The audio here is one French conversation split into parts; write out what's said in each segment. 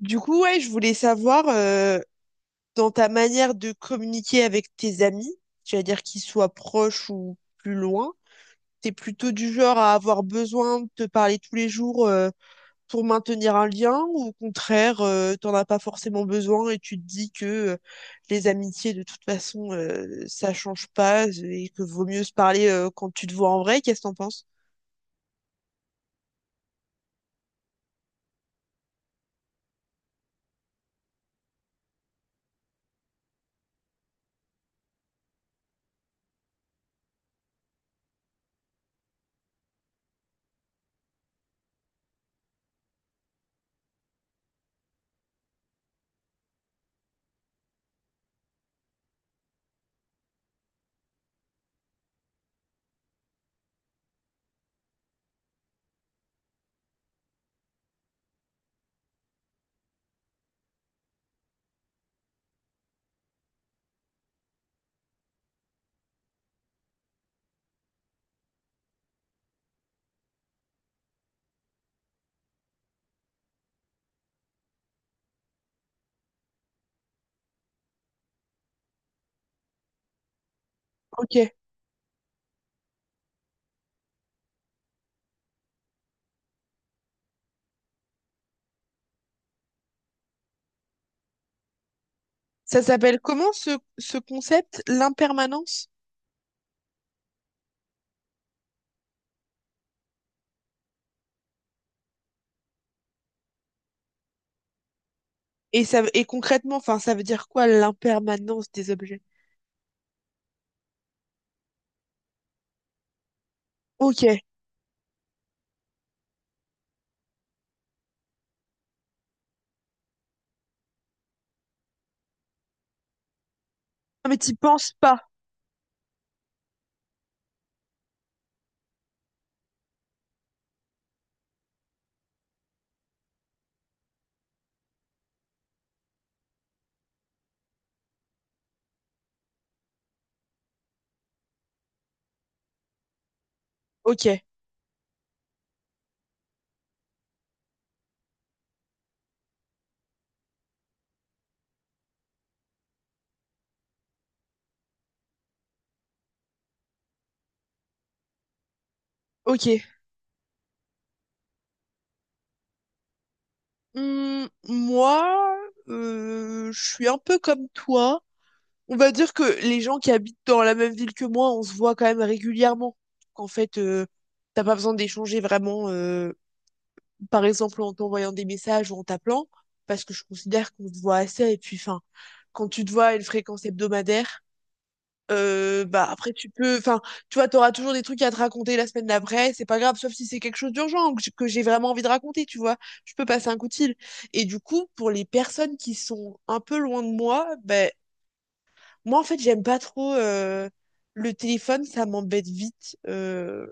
Du coup, ouais, je voulais savoir dans ta manière de communiquer avec tes amis, c'est-à-dire qu'ils soient proches ou plus loin, t'es plutôt du genre à avoir besoin de te parler tous les jours pour maintenir un lien ou au contraire, t'en as pas forcément besoin et tu te dis que les amitiés de toute façon ça change pas et que vaut mieux se parler quand tu te vois en vrai. Qu'est-ce que t'en penses? Ok. Ça s'appelle comment ce concept, l'impermanence? Et ça, et concrètement, enfin, ça veut dire quoi l'impermanence des objets? Ok. Non, mais t'y penses pas. Ok. Ok. Hmm, moi, je suis un peu comme toi. On va dire que les gens qui habitent dans la même ville que moi, on se voit quand même régulièrement. Qu'en fait, t'as pas besoin d'échanger vraiment, par exemple, en t'envoyant des messages ou en t'appelant, parce que je considère qu'on se voit assez. Et puis, enfin, quand tu te vois à une fréquence hebdomadaire, bah après tu peux, enfin tu vois, t'auras toujours des trucs à te raconter la semaine d'après, c'est pas grave, sauf si c'est quelque chose d'urgent ou que que j'ai vraiment envie de raconter, tu vois, je peux passer un coup de fil. Et du coup, pour les personnes qui sont un peu loin de moi, ben moi en fait j'aime pas trop le téléphone, ça m'embête vite.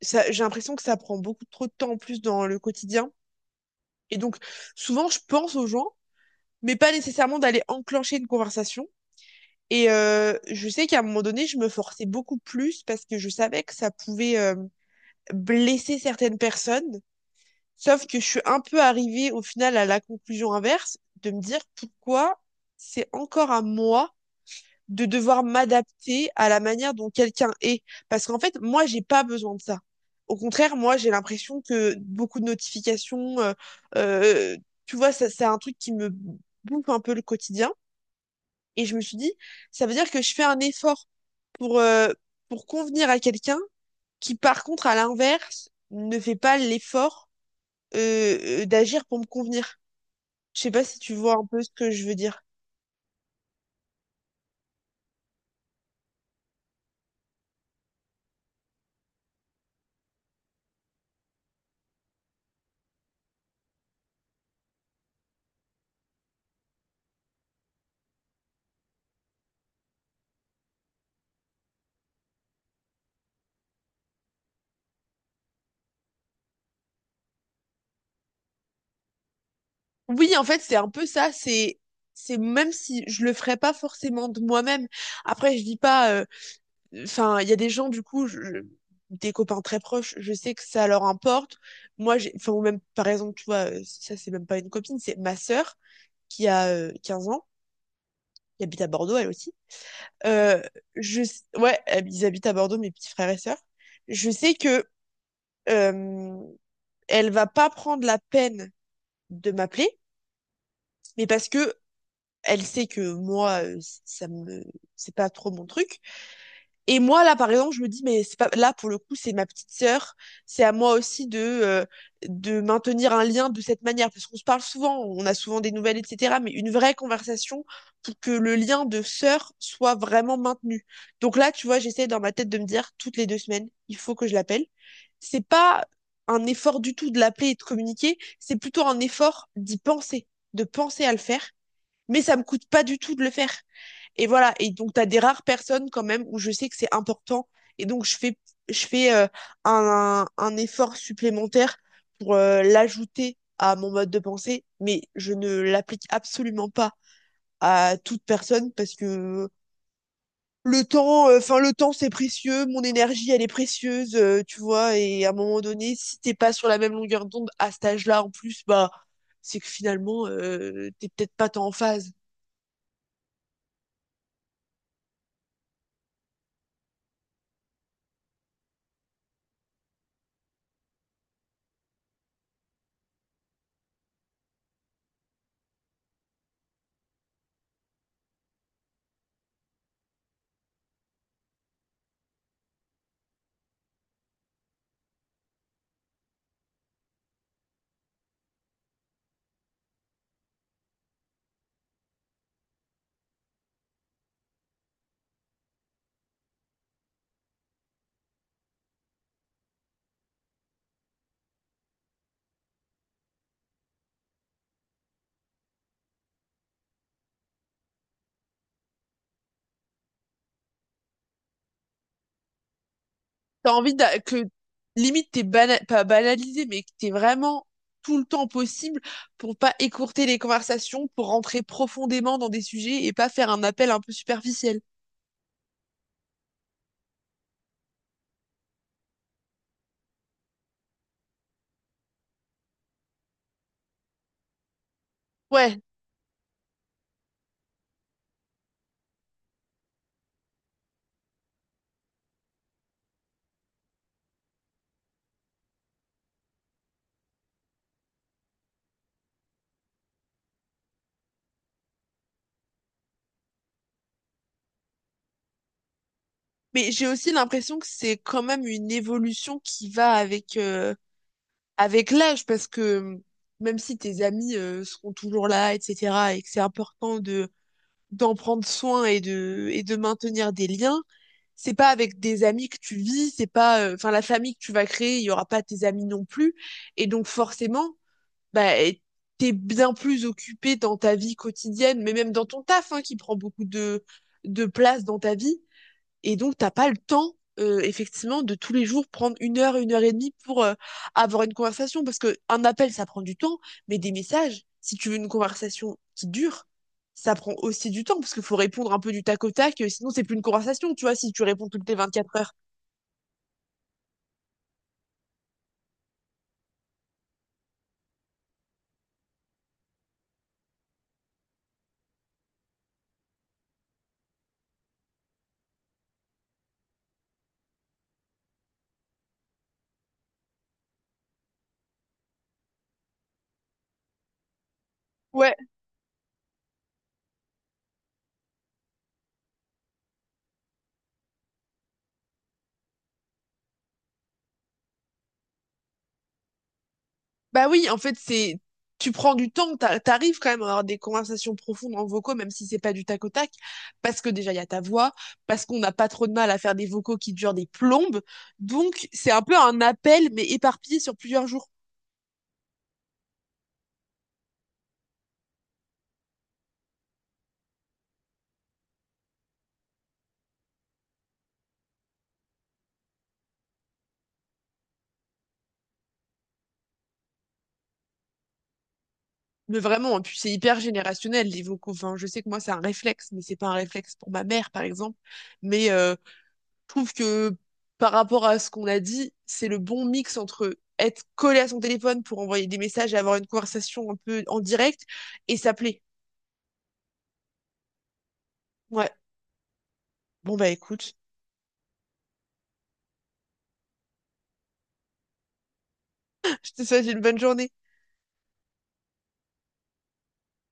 Ça, j'ai l'impression que ça prend beaucoup trop de temps en plus dans le quotidien. Et donc souvent je pense aux gens, mais pas nécessairement d'aller enclencher une conversation. Et je sais qu'à un moment donné, je me forçais beaucoup plus parce que je savais que ça pouvait blesser certaines personnes. Sauf que je suis un peu arrivée au final à la conclusion inverse de me dire pourquoi c'est encore à moi de devoir m'adapter à la manière dont quelqu'un est. Parce qu'en fait, moi, j'ai pas besoin de ça. Au contraire, moi, j'ai l'impression que beaucoup de notifications, euh, tu vois, ça, c'est un truc qui me bouffe un peu le quotidien. Et je me suis dit, ça veut dire que je fais un effort pour, euh, pour convenir à quelqu'un qui, par contre, à l'inverse, ne fait pas l'effort d'agir pour me convenir. Je sais pas si tu vois un peu ce que je veux dire. Oui, en fait, c'est un peu ça. C'est même si je le ferais pas forcément de moi-même. Après, je dis pas. Enfin, il y a des gens, du coup, des copains très proches, je sais que ça leur importe. Moi, j'ai, enfin, ou même, par exemple, tu vois, ça, c'est même pas une copine, c'est ma sœur qui a 15 ans, qui habite à Bordeaux, elle aussi. Euh, je... Ouais, ils habitent à Bordeaux, mes petits frères et sœurs. Je sais que euh, elle va pas prendre la peine de m'appeler, mais parce que elle sait que moi, ça me, c'est pas trop mon truc. Et moi, là, par exemple, je me dis, mais c'est pas, là, pour le coup, c'est ma petite sœur. C'est à moi aussi de maintenir un lien de cette manière. Parce qu'on se parle souvent, on a souvent des nouvelles, etc. Mais une vraie conversation pour que le lien de sœur soit vraiment maintenu. Donc là, tu vois, j'essaie dans ma tête de me dire, toutes les 2 semaines, il faut que je l'appelle. C'est pas un effort du tout de l'appeler et de communiquer. C'est plutôt un effort d'y penser, de penser à le faire mais ça me coûte pas du tout de le faire. Et voilà. Et donc, t'as des rares personnes quand même où je sais que c'est important. Et donc, je fais un effort supplémentaire pour l'ajouter à mon mode de pensée, mais je ne l'applique absolument pas à toute personne parce que enfin, le temps, c'est précieux, mon énergie, elle est précieuse, tu vois, et à un moment donné, si t'es pas sur la même longueur d'onde à cet âge-là, en plus, bah, c'est que finalement, t'es peut-être pas tant en phase. T'as envie que limite pas banalisé, mais que t'es vraiment tout le temps possible pour pas écourter les conversations, pour rentrer profondément dans des sujets et pas faire un appel un peu superficiel. Ouais, mais j'ai aussi l'impression que c'est quand même une évolution qui va avec avec l'âge, parce que même si tes amis seront toujours là, etc., et que c'est important de d'en prendre soin et de maintenir des liens c'est pas avec des amis que tu vis, c'est pas, enfin, la famille que tu vas créer, il y aura pas tes amis non plus. Et donc, forcément, bah, t'es bien plus occupé dans ta vie quotidienne, mais même dans ton taf, hein, qui prend beaucoup de place dans ta vie, et donc, t'as pas le temps, effectivement, de tous les jours prendre 1 heure, 1 heure et demie pour avoir une conversation. Parce que un appel, ça prend du temps, mais des messages, si tu veux une conversation qui dure, ça prend aussi du temps, parce qu'il faut répondre un peu du tac au tac, sinon c'est plus une conversation, tu vois, si tu réponds toutes les 24 heures. Ouais. Bah oui, en fait, c'est tu prends du temps, t'arrives quand même à avoir des conversations profondes en vocaux, même si c'est pas du tac au tac, parce que déjà il y a ta voix, parce qu'on n'a pas trop de mal à faire des vocaux qui durent des plombes, donc c'est un peu un appel mais éparpillé sur plusieurs jours. Mais vraiment, et puis c'est hyper générationnel les vocaux. Enfin, je sais que moi c'est un réflexe, mais c'est pas un réflexe pour ma mère par exemple. Mais je trouve que par rapport à ce qu'on a dit, c'est le bon mix entre être collé à son téléphone pour envoyer des messages et avoir une conversation un peu en direct et s'appeler. Ouais. Bon bah écoute, je te souhaite une bonne journée.